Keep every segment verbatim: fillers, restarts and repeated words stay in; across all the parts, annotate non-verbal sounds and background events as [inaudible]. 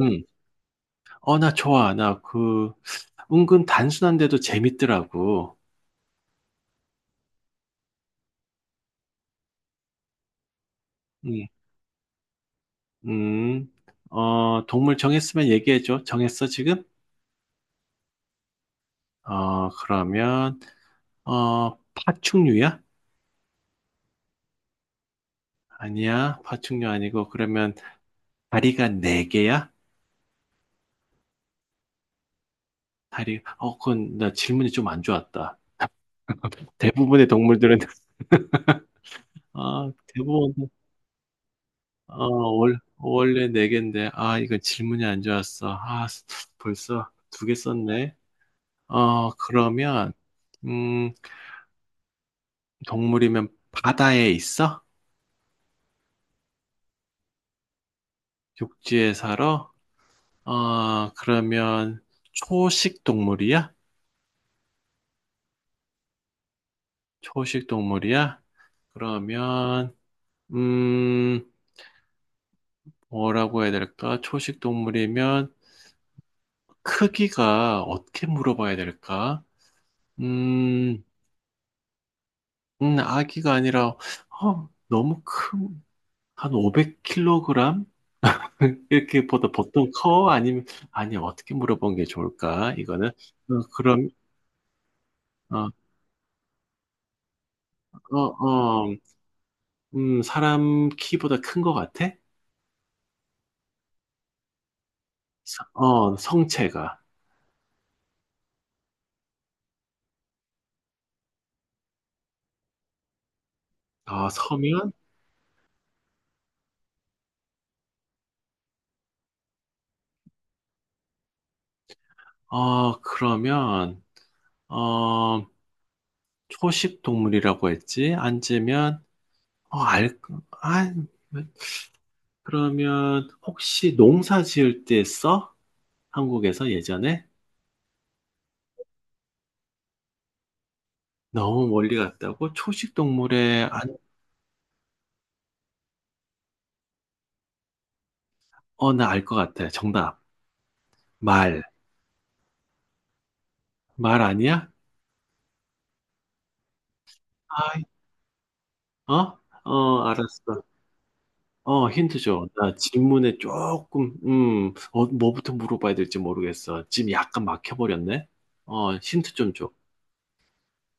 음. 어, 나 좋아. 나 그, 은근 단순한데도 재밌더라고. 음, 음. 어, 동물 정했으면 얘기해줘. 정했어, 지금? 어, 그러면, 어, 파충류야? 아니야. 파충류 아니고, 그러면 다리가 네개야 다리, 어, 그건 나 질문이 좀 안 좋았다. 대부분의 동물들은, [laughs] 아, 대부분, 어, 월, 원래 네개인데 아, 이건 질문이 안 좋았어. 아, 벌써 두 개 썼네. 어, 그러면, 음, 동물이면 바다에 있어? 육지에 살아? 어, 그러면 초식 동물이야? 초식 동물이야? 그러면, 음, 뭐라고 해야 될까? 초식 동물이면 크기가 어떻게 물어봐야 될까? 음, 음, 아기가 아니라, 어, 너무 큰, 한 오백 킬로그램? [laughs] 이렇게 보다 보통 커? 아니면, 아니, 어떻게 물어본 게 좋을까? 이거는, 어, 그럼, 어, 어, 어, 음, 사람 키보다 큰 것 같아? 서- 어, 성체가. 어, 서면? 어, 그러면, 어, 초식 동물이라고 했지? 앉으면, 어, 알, 아, 그러면, 혹시 농사 지을 때 써? 한국에서 예전에? 너무 멀리 갔다고? 초식 동물에, 안, 어, 나 알 것 같아. 정답. 말. 말 아니야? 아, 어? 어, 알았어. 어, 힌트 줘. 나 질문에 조금, 음, 어, 뭐부터 물어봐야 될지 모르겠어. 지금 약간 막혀버렸네? 어, 힌트 좀 줘.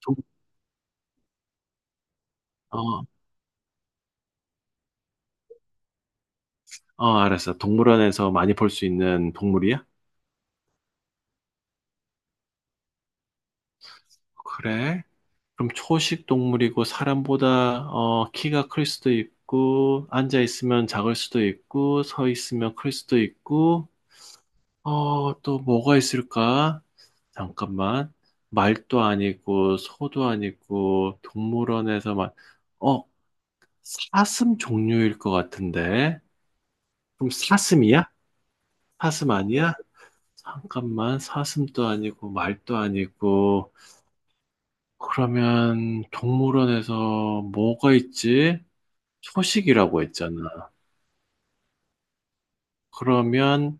동- 어, 어, 알았어. 동물원에서 많이 볼 수 있는 동물이야? 그래? 그럼 초식 동물이고 사람보다 어, 키가 클 수도 있고 앉아 있으면 작을 수도 있고 서 있으면 클 수도 있고 어, 또 뭐가 있을까? 잠깐만. 말도 아니고, 소도 아니고, 동물원에서만, 어, 사슴 종류일 것 같은데? 그럼 사슴이야? 사슴 아니야? 잠깐만, 사슴도 아니고, 말도 아니고, 그러면 동물원에서 뭐가 있지? 초식이라고 했잖아. 그러면,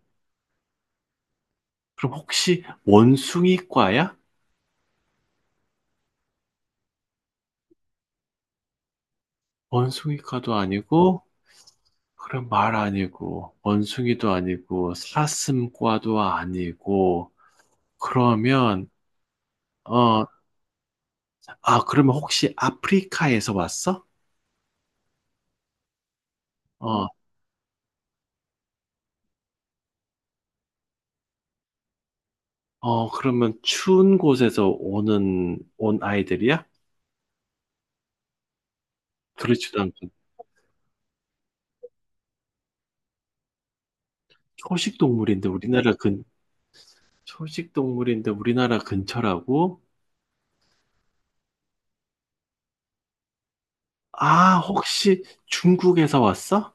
그럼 혹시 원숭이과야? 원숭이과도 아니고, 그럼 말 아니고, 원숭이도 아니고, 사슴과도 아니고, 그러면, 어, 아, 그러면 혹시 아프리카에서 왔어? 어, 어, 그러면 추운 곳에서 오는, 온 아이들이야? 그렇지도 않고, 초식 동물인데 우리나라 근, 초식 동물인데 우리나라 근처라고? 아, 혹시 중국에서 왔어?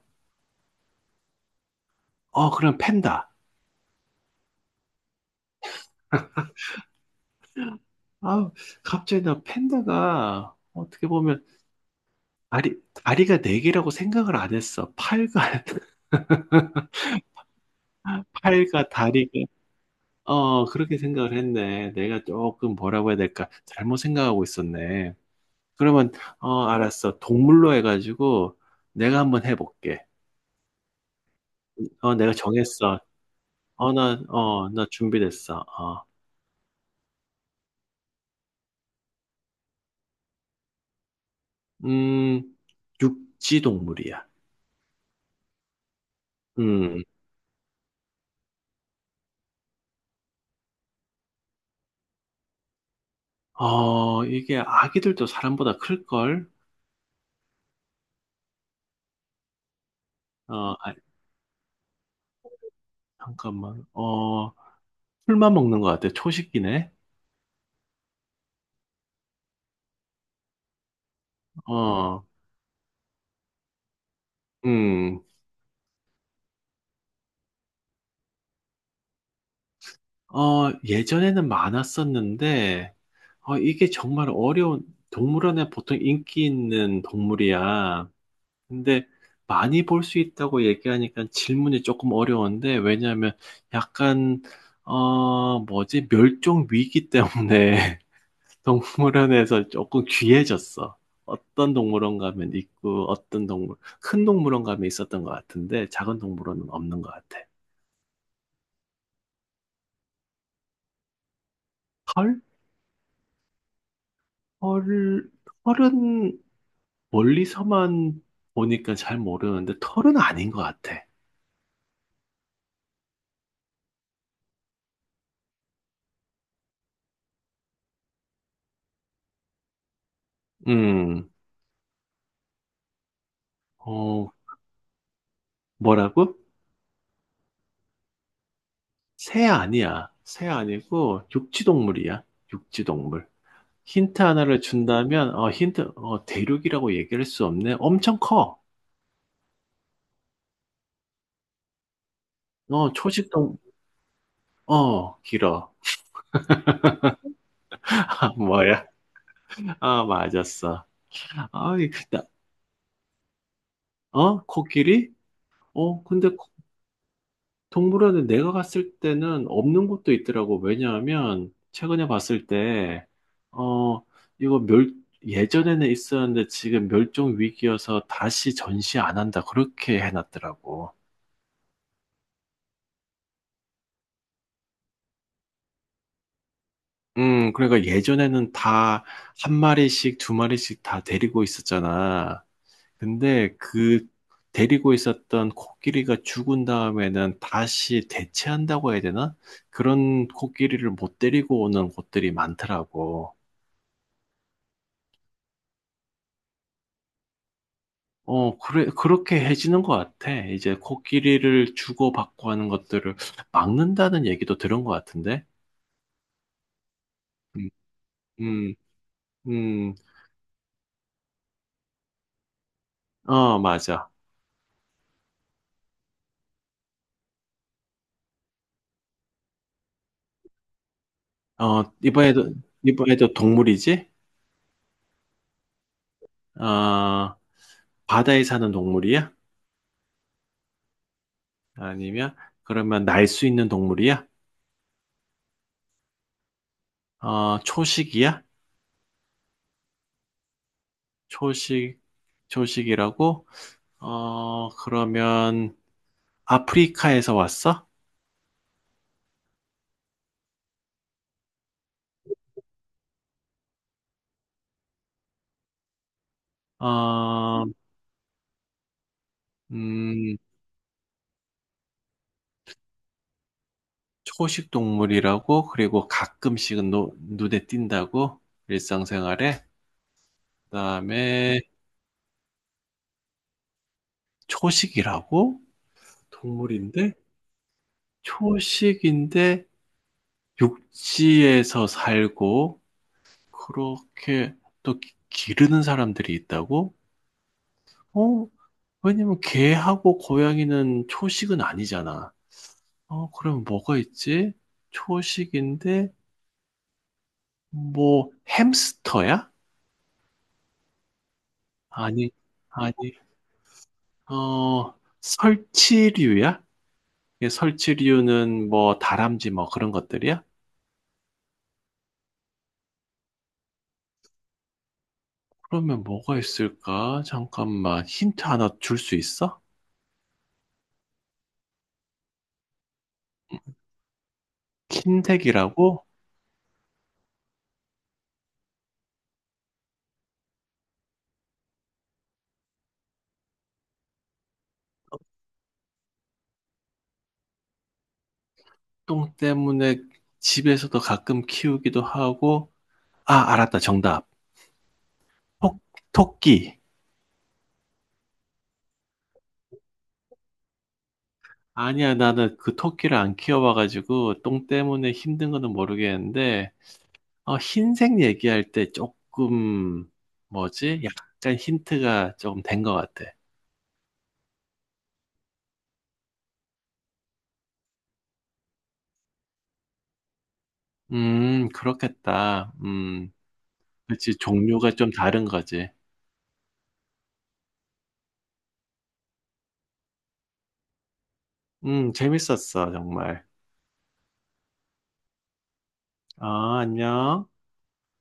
어, 그럼 팬다. 아, 갑자기 나 팬다가, 어떻게 보면, 다리, 다리가 네 개라고 생각을 안 했어. 팔과, [laughs] 팔과 다리가, 어, 그렇게 생각을 했네. 내가 조금 뭐라고 해야 될까? 잘못 생각하고 있었네. 그러면, 어, 알았어. 동물로 해가지고 내가 한번 해볼게. 어, 내가 정했어. 어, 나, 어, 나 준비됐어. 어, 음, 육지 동물이야. 음, 어, 이게 아기들도 사람보다 클걸? 어, 아, 잠깐만. 어, 풀만 먹는 것 같아. 초식이네. 어, 음, 어, 예전에는 많았었는데, 어, 이게 정말 어려운, 동물원에 보통 인기 있는 동물이야. 근데 많이 볼 수 있다고 얘기하니까 질문이 조금 어려운데, 왜냐하면 약간, 어, 뭐지, 멸종 위기 때문에 [laughs] 동물원에서 조금 귀해졌어. 어떤 동물원 가면 있고, 어떤 동물, 큰 동물원 가면 있었던 것 같은데, 작은 동물원은 없는 것 같아. 털? 털, 털은 멀리서만 보니까 잘 모르는데 털은 아닌 것 같아. 음, 어, 뭐라고? 새 아니야. 새 아니고 육지동물이야. 육지동물. 힌트 하나를 준다면, 어, 힌트, 어, 대륙이라고 얘기할 수 없네. 엄청 커. 어, 초식동, 어, 길어. [laughs] 아, 뭐야? 아, 맞았어. 아, 이- 나- 어? 코끼리? 어, 근데 동물원에 내가 갔을 때는 없는 곳도 있더라고. 왜냐하면 최근에 봤을 때, 어, 이거 멸, 예전에는 있었는데 지금 멸종 위기여서 다시 전시 안 한다. 그렇게 해놨더라고. 음, 그러니까 예전에는 다 한 마리씩, 두 마리씩 다 데리고 있었잖아. 근데 그 데리고 있었던 코끼리가 죽은 다음에는 다시 대체한다고 해야 되나? 그런 코끼리를 못 데리고 오는 곳들이 많더라고. 어, 그래, 그렇게 해지는 것 같아. 이제 코끼리를 주고받고 하는 것들을 막는다는 얘기도 들은 것 같은데. 음, 음, 음, 어, 맞아. 어, 이번에도, 이번에도 동물이지? 어, 바다에 사는 동물이야? 아니면, 그러면 날 수 있는 동물이야? 어, 초식이야? 초식, 초식이라고? 어, 그러면 아프리카에서 왔어? 어, 음, 초식 동물이라고, 그리고 가끔씩은 노- 눈에 띈다고, 일상생활에. 그다음에 초식이라고, 동물인데, 초식인데 육지에서 살고, 그렇게 또 기- 기르는 사람들이 있다고? 어? 왜냐면 개하고 고양이는 초식은 아니잖아. 어, 그럼 뭐가 있지? 초식인데, 뭐, 햄스터야? 아니, 아니. 어, 설치류야? 예, 설치류는 뭐 다람쥐 뭐 그런 것들이야? 그러면 뭐가 있을까? 잠깐만 힌트 하나 줄 수 있어? 킨색이라고 똥 때문에 집에서도 가끔 키우기도 하고 아 알았다 정답 토, 토끼 아니야 나는 그 토끼를 안 키워봐가지고 똥 때문에 힘든 거는 모르겠는데 어, 흰색 얘기할 때 조금 뭐지? 약간 힌트가 조금 된 것 같아 음, 그렇겠다. 음, 그렇지. 종류가 좀 다른 거지. 음, 재밌었어, 정말. 아, 안녕.